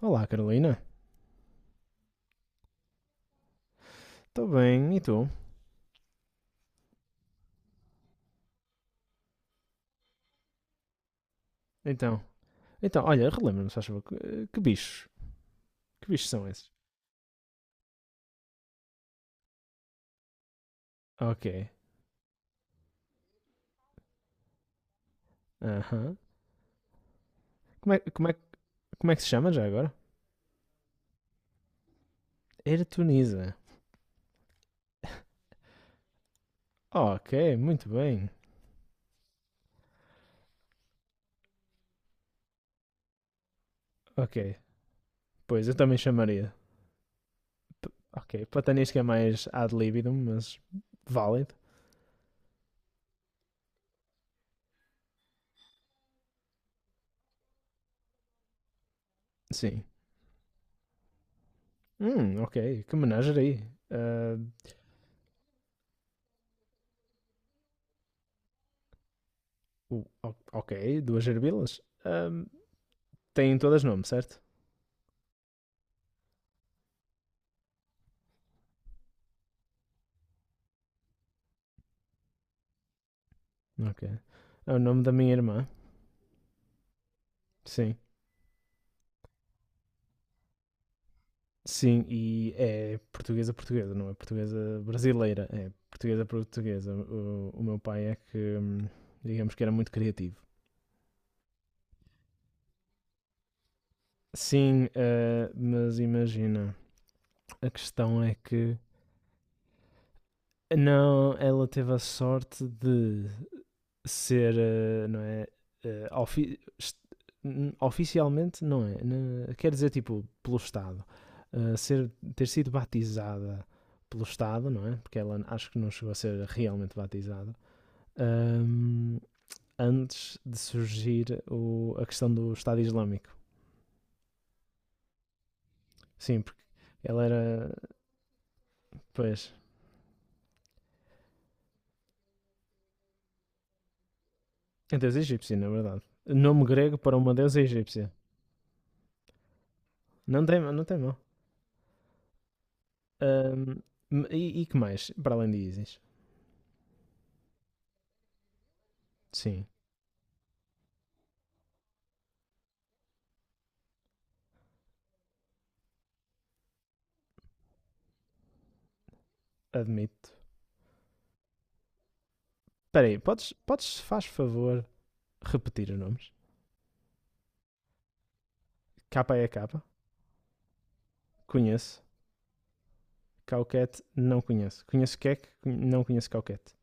Olá, Carolina. Estou bem, e tu? Então, então olha, relembra-me, se faz favor, que bichos? Que bichos são esses? Ok. Aham. Como, é, como, é, que- como é que se chama já agora? Ertuniza. Ok, muito bem. Ok. Pois, eu também chamaria. P- ok, platanisca é mais ad libidum, mas válido. Sim. Ok. Que menagerie. Ah, o- ok, duas gerbilas. Ah, têm todas nome, certo? Ok. É o nome da minha irmã. Sim. Sim, e é portuguesa portuguesa, não é portuguesa brasileira, é portuguesa portuguesa. O meu pai é que, digamos que era muito criativo. Sim, mas imagina, a questão é que não, ela teve a sorte de ser, não é, eh, ofi- est- oficialmente não é, quer dizer tipo pelo Estado, ser, ter sido batizada pelo Estado, não é? Porque ela acho que não chegou a ser realmente batizada. ahm, Antes de surgir a questão do Estado Islâmico. Sim, porque ela era, pois, a deusa egípcia, na verdade. Nome grego para uma deusa egípcia. Não tem mal. Ahm, e que mais, para além de Isis? Sim, admito. Espera aí, podes, faz favor, repetir os nomes? Capa é capa, conheço. Cauquete, não conheço. Conheço Kek, não conheço Cauquete.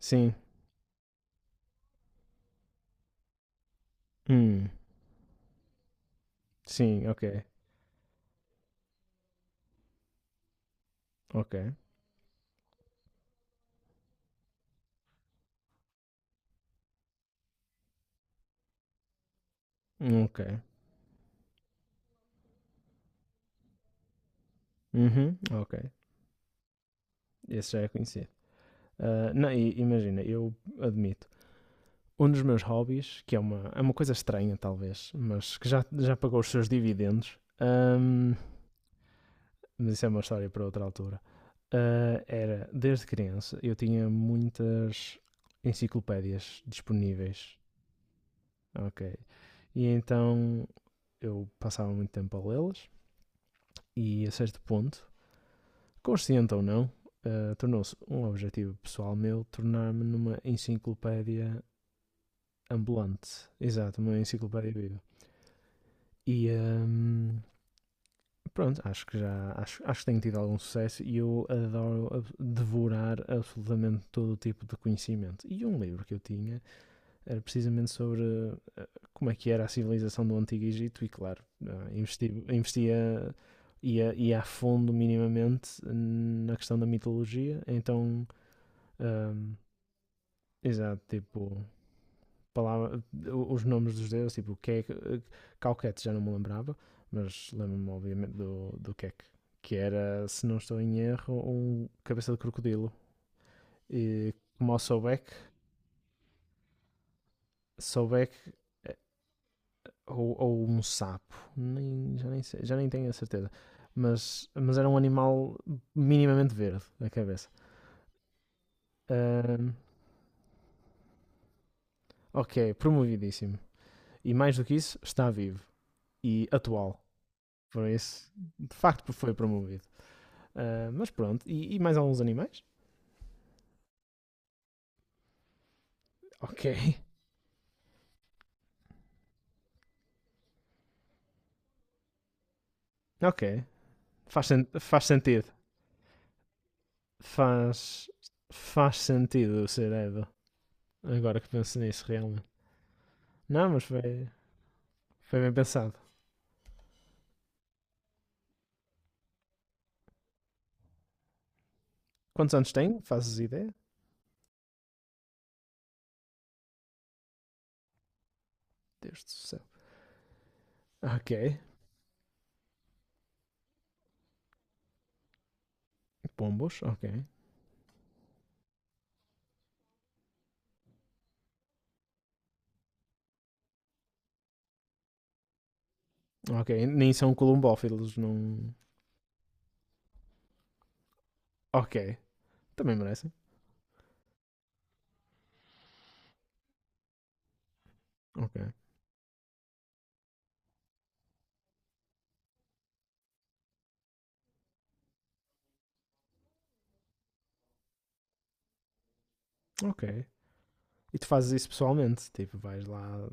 Sim, hum, sim, ok, ok, ok. Uhum, ok. Esse já é conhecido. Ah, não, imagina, eu admito. Um dos meus hobbies, que é uma coisa estranha talvez, mas que já pagou os seus dividendos, mas isso é uma história para outra altura. Ah, era, desde criança, eu tinha muitas enciclopédias disponíveis, ok? E então eu passava muito tempo a lê-las e a certo ponto consciente ou não, tornou-se um objetivo pessoal meu tornar-me numa enciclopédia ambulante. Exato, uma enciclopédia viva. E pronto, acho que já acho que tenho tido algum sucesso e eu adoro devorar absolutamente todo o tipo de conhecimento. E um livro que eu tinha era precisamente sobre como é que era a civilização do Antigo Egito e claro, investia ia a fundo minimamente na questão da mitologia, então hum, exato, tipo, palavra, os nomes dos deuses, tipo, Kek, Calquete já não me lembrava, mas lembro-me obviamente do Kek, que era, se não estou em erro, um cabeça de crocodilo. E como o Sobek, Sobek eh, ou um sapo, nem, já, nem sei- já nem tenho a certeza, mas era um animal minimamente verde a cabeça. Ahm, ok, promovidíssimo. E mais do que isso, está vivo e atual. Por isso, de facto foi promovido. Ah, mas pronto, e mais alguns animais? Ok, ok. Faz sentido. Faz, faz sentido ser Edo. Agora que penso nisso realmente. Não, mas foi bem pensado. Quantos anos tem? Fazes ideia? Deus do céu. Ok. Pombos, ok. Ok, nem são columbófilos, não. Ok, também merecem. Ok, ok. E tu fazes isso pessoalmente? Tipo, vais lá.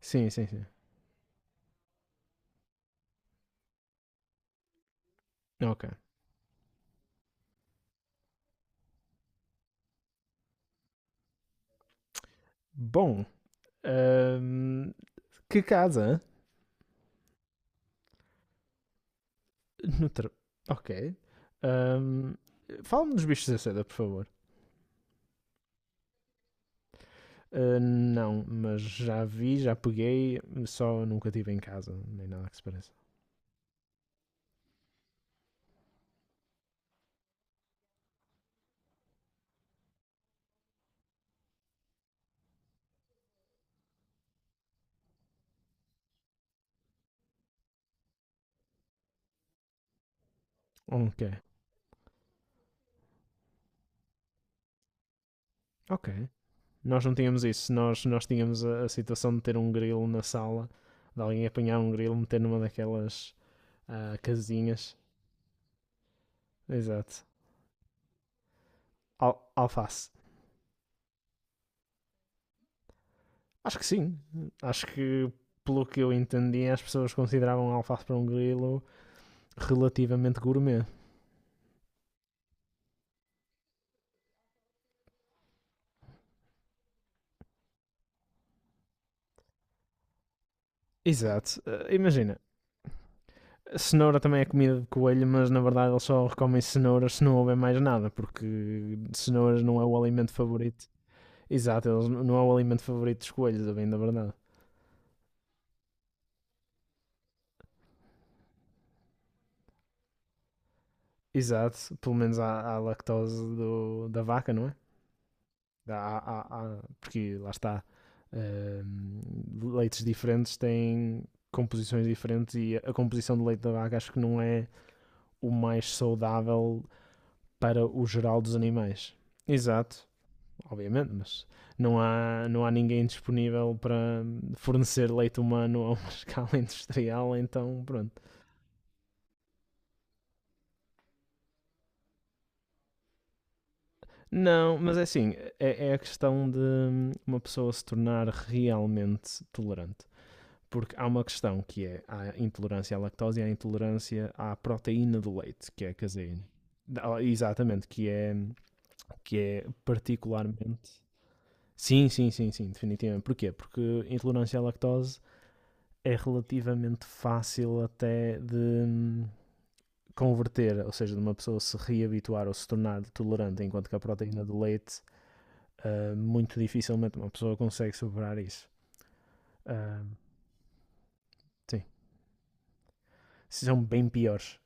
Sim, sim, sim. Ok. Bom, Ahm, que casa? No tra- Ok. Ahm, Fala-me dos bichos da seda, por favor. Ah, não, mas já vi, já peguei, só nunca tive em casa, nem nada que se pareça. Ok, ok. Nós não tínhamos isso, nós tínhamos a situação de ter um grilo na sala, de alguém apanhar um grilo, meter numa daquelas casinhas. Exato. Alface. Acho que sim. Acho que, pelo que eu entendi, as pessoas consideravam alface para um grilo relativamente gourmet. Exato. Imagina, cenoura também é comida de coelho, mas na verdade eles só comem cenouras se não houver mais nada, porque cenouras não é o alimento favorito. Exato, eles não é o alimento favorito dos coelhos, a bem da verdade. Exato, pelo menos há lactose da vaca, não é? Porque lá está, ehm, leites diferentes têm composições diferentes e a composição do leite da vaca acho que não é o mais saudável para o geral dos animais. Exato, obviamente, mas não há ninguém disponível para fornecer leite humano a uma escala industrial, então pronto. Não, mas é assim, é a questão de uma pessoa se tornar realmente tolerante. Porque há uma questão que é a intolerância à lactose e a intolerância à proteína do leite, que é a caseína. Ah, exatamente, que é, particularmente. Sim, sim, sim, sim, definitivamente. Porquê? Porque intolerância à lactose é relativamente fácil até de converter, ou seja, de uma pessoa se reabituar ou se tornar tolerante, enquanto que a proteína do leite, muito dificilmente uma pessoa consegue superar isso. Ah, sim, são bem piores.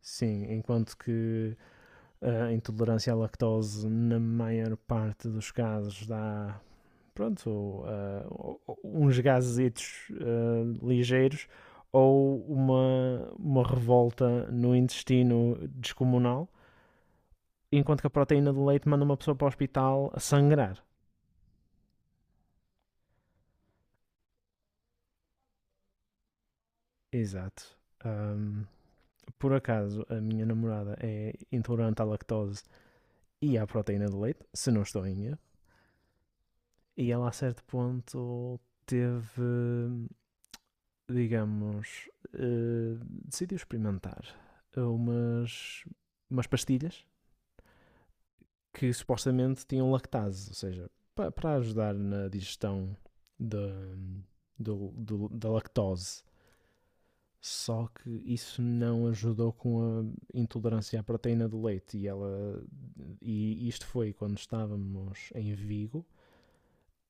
Sim, enquanto que a intolerância à lactose, na maior parte dos casos, dá pronto, ou, uns gazetos ligeiros ou uma revolta no intestino descomunal, enquanto que a proteína do leite manda uma pessoa para o hospital a sangrar. Exato. Ahm, por acaso, a minha namorada é intolerante à lactose e à proteína do leite, se não estou em erro, e ela a certo ponto teve, digamos, eh, decidiu experimentar umas, umas pastilhas que supostamente tinham lactase, ou seja, para ajudar na digestão da, da lactose. Só que isso não ajudou com a intolerância à proteína do leite. E isto foi quando estávamos em Vigo.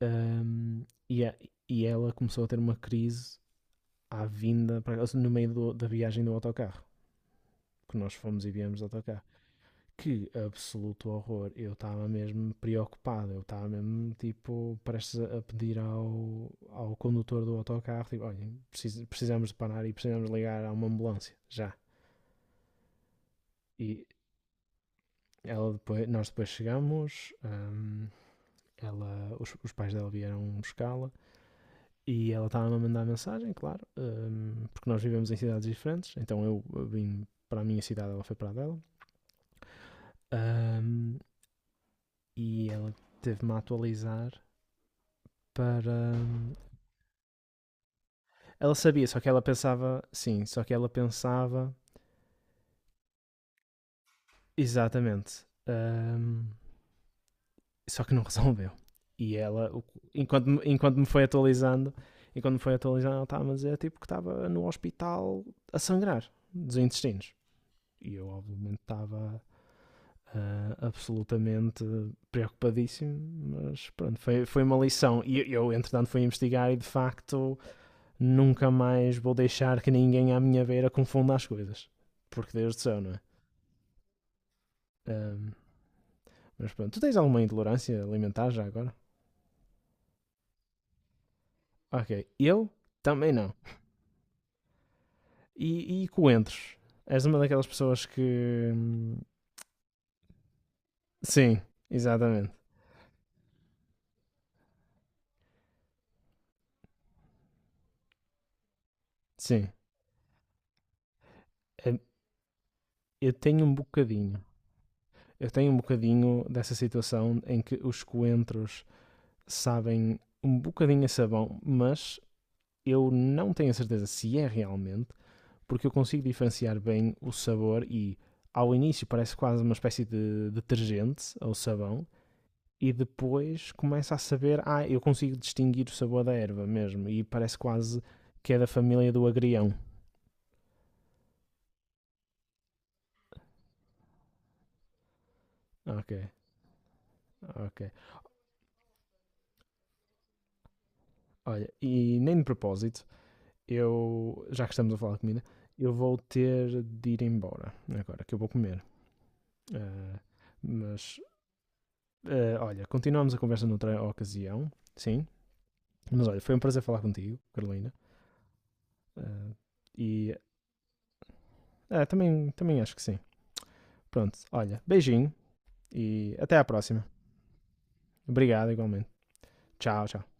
ahm, e, a- e ela começou a ter uma crise à vinda, no meio da viagem do autocarro. Que nós fomos e viemos de autocarro. Que absoluto horror. Eu estava mesmo preocupado. Eu estava mesmo, tipo, prestes a pedir ao condutor do autocarro: tipo, olha, precisamos de parar e precisamos ligar a uma ambulância, já. E ela depois, nós depois chegamos, os pais dela vieram buscá-la e ela estava a mandar mensagem, claro, porque nós vivemos em cidades diferentes. Então eu vim para a minha cidade, ela foi para a dela. Hum, e ela teve-me a atualizar para. Ela sabia, só que ela pensava. Sim, só que ela pensava. Exatamente. Só que não resolveu. E ela, enquanto, enquanto me foi atualizando, enquanto me foi atualizando, ela estava a dizer tipo que estava no hospital a sangrar dos intestinos. E eu, obviamente, estava absolutamente preocupadíssimo, mas pronto, foi uma lição. E eu, entretanto, fui investigar e de facto nunca mais vou deixar que ninguém à minha beira confunda as coisas. Porque Deus do céu, não é? Ahm, mas pronto, tu tens alguma intolerância alimentar já agora? Ok, eu também não. E coentros? És uma daquelas pessoas que. Sim, exatamente. Sim. Eh, Eu tenho um bocadinho. Eu tenho um bocadinho dessa situação em que os coentros sabem um bocadinho a sabão, mas eu não tenho a certeza se é realmente, porque eu consigo diferenciar bem o sabor e ao início parece quase uma espécie de detergente ou sabão, e depois começa a saber, eu consigo distinguir o sabor da erva mesmo, e parece quase que é da família do agrião. Ok, ok. Olha, e nem de propósito, eu, já que estamos a falar de comida, eu vou ter de ir embora agora, que eu vou comer. Ah, mas, olha, continuamos a conversa noutra ocasião, sim. Mas olha, foi um prazer falar contigo, Carolina. Ah, e também acho que sim. Pronto, olha, beijinho e até à próxima. Obrigado, igualmente. Tchau, tchau.